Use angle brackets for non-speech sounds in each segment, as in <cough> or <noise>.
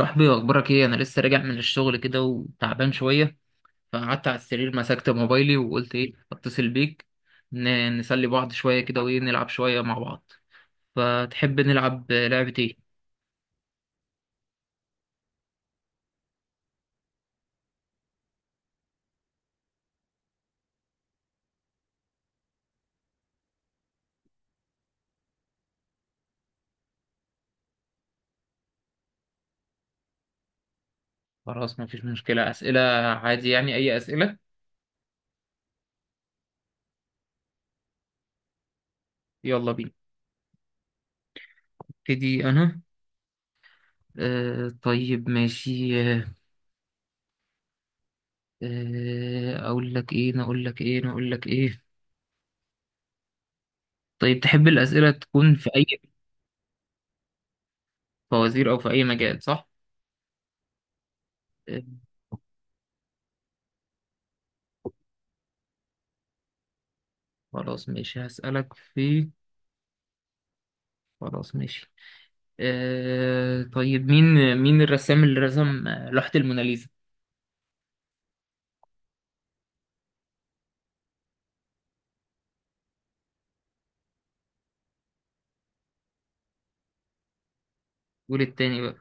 صاحبي، واخبارك ايه؟ انا لسه راجع من الشغل كده وتعبان شويه. فقعدت على السرير، مسكت موبايلي وقلت ايه، اتصل بيك. نسلي بعض شويه كده، وايه، نلعب شويه مع بعض. فتحب نلعب لعبه ايه؟ خلاص، مفيش مشكله، اسئله. عادي يعني اي اسئله. يلا بينا. ابتدي انا. آه، طيب ماشي. آه آه، اقول لك ايه؟ طيب، تحب الاسئله تكون في اي؟ فوازير او في اي مجال، صح؟ آه، خلاص ماشي هسألك في. خلاص، ماشي. آه، طيب، مين الرسام اللي رسم لوحة الموناليزا؟ قول التاني بقى.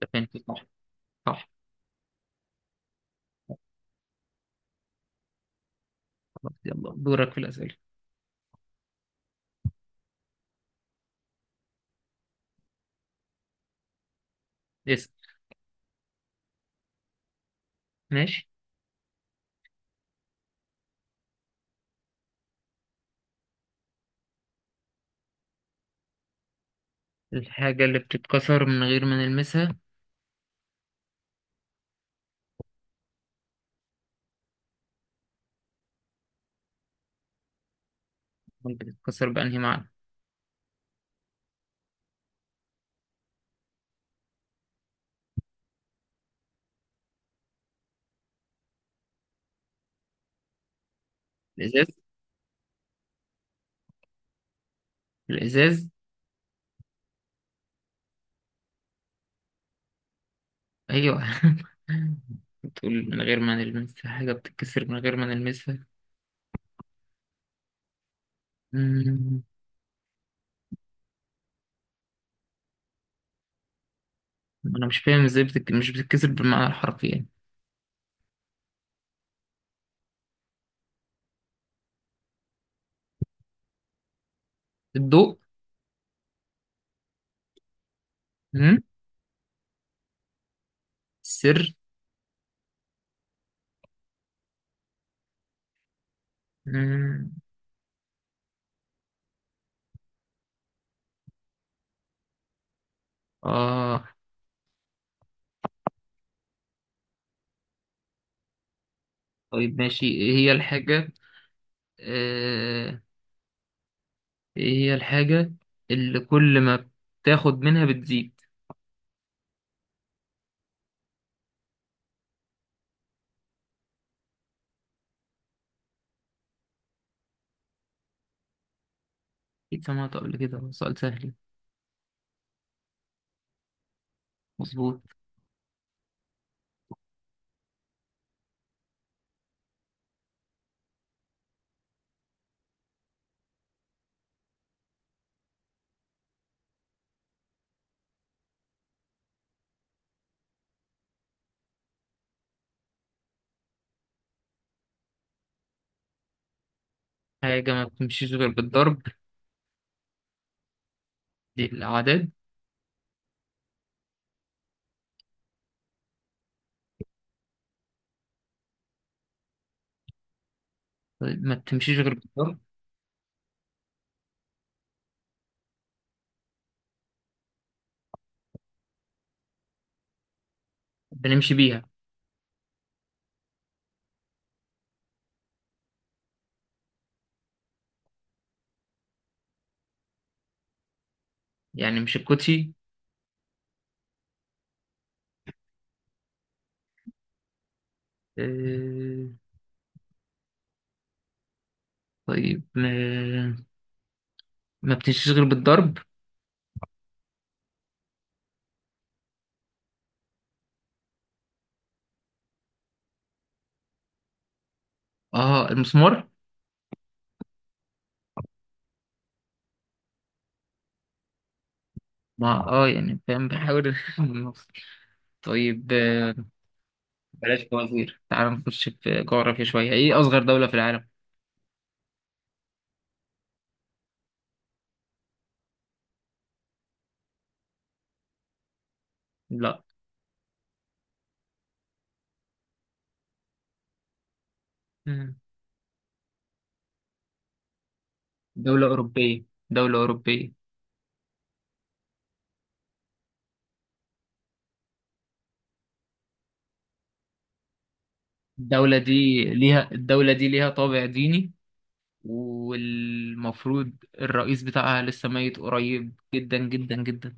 ده فين؟ صح. صح. خلاص، يلا دورك في الأسئلة. اسأل. ماشي. الحاجة اللي بتتكسر من غير ما نلمسها؟ أمال بتتكسر بأنهي معنى؟ الإزاز، الإزاز. أيوه. <laughs> بتقول من غير ما نلمسها، حاجة بتتكسر من غير ما نلمسها؟ مم، أنا مش فاهم إزاي مش بتتكسر بالمعنى الحرفي يعني. الضوء. مم، السر. مم، آه طيب ماشي، ايه هي الحاجة؟ آه، ايه هي الحاجة اللي كل ما بتاخد منها بتزيد؟ اكيد سمعت قبل كده، هو سؤال سهل. مظبوط. حاجة ما بتمشيش غير بالضرب؟ دي الأعداد. طيب، ما بتمشيش غير بالضرب. بنمشي بيها؟ يعني مش الكوتشي؟ آه، طيب، ما بتمشيش غير بالضرب. اه، المسمار. ما يعني فاهم، بحاول <laughs> نوصل. طيب. آه، بلاش فوازير، تعال نخش في جغرافيا شوية. ايه أصغر دولة في العالم؟ لا. مم. دولة أوروبية، دولة أوروبية. الدولة دي الدولة دي ليها طابع ديني، والمفروض الرئيس بتاعها لسه ميت قريب، جدا جدا جدا.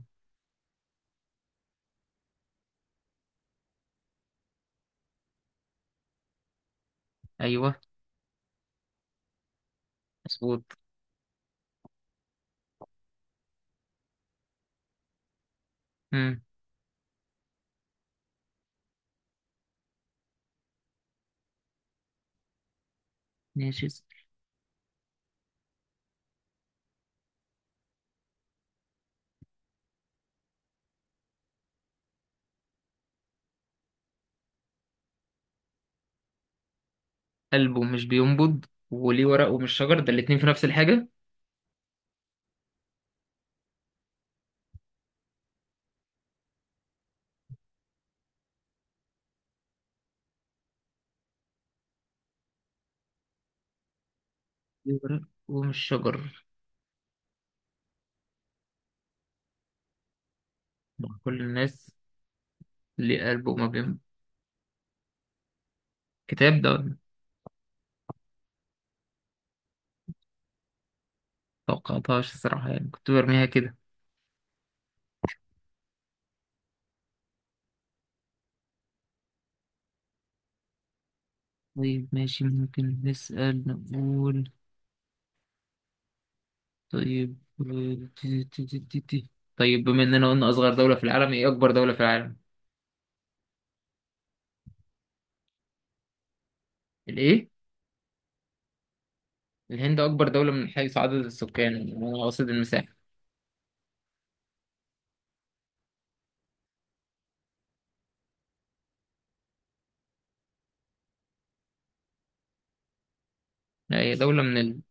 أيوه. مظبوط. مم. ماشي. قلبه مش بينبض؟ وليه ورق ومش شجر، ده الاتنين في نفس الحاجة؟ ليه ورق ومش شجر؟ ده كل الناس؟ ليه قلبه وما بينبض؟ كتاب ده ولا؟ متوقعتهاش الصراحة، يعني كنت برميها كده. طيب ماشي، ممكن نسأل. نقول. طيب. آه، تي- تي- تي- تي- تي. طيب، بما اننا قلنا اصغر دولة في العالم، ايه اكبر دولة في العالم؟ الايه؟ الهند اكبر دولة من حيث عدد السكان، واقصد المساحة. لا، هي دولة من ال...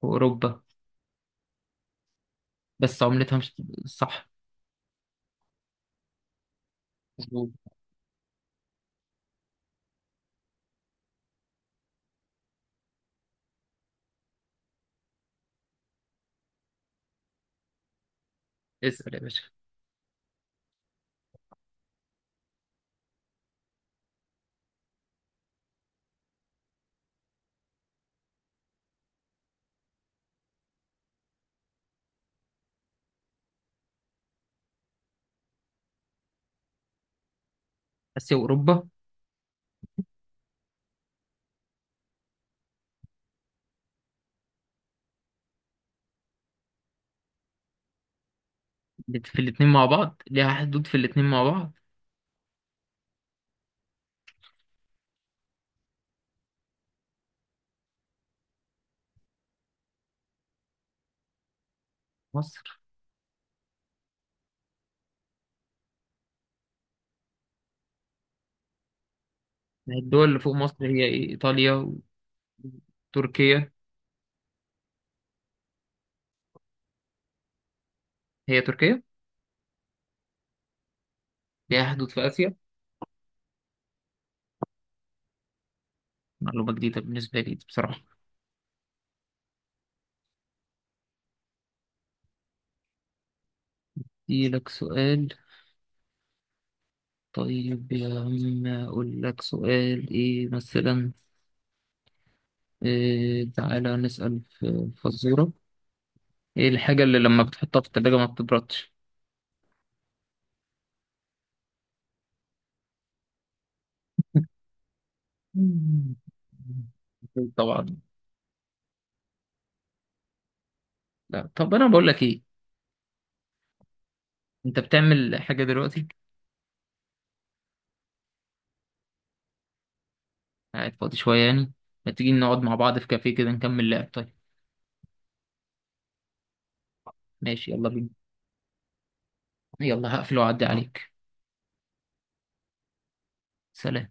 في اوروبا. بس عملتها مش صح. مظبوط. اسأل يا باشا. اسيا واوروبا؟ في الاتنين مع بعض، ليها حدود في الاتنين مع بعض؟ مصر؟ الدول اللي فوق مصر هي إيه؟ ايطاليا، وتركيا. هي تركيا؟ ليها حدود في اسيا؟ معلومة جديدة بالنسبة لي دي بصراحة. دي لك سؤال. طيب يا عم، أقول لك سؤال إيه مثلا. إيه، تعالى نسأل في فزورة. إيه الحاجة اللي لما بتحطها في التلاجة ما بتبردش؟ مم. أكيد طبعا. لا طب، أنا بقول لك إيه. أنت بتعمل حاجة دلوقتي؟ قاعد فاضي شوية يعني؟ ما تيجي نقعد مع بعض في كافيه كده نكمل لعب؟ طيب. ماشي، يلا بينا. يلا هقفل وأعدي عليك. سلام.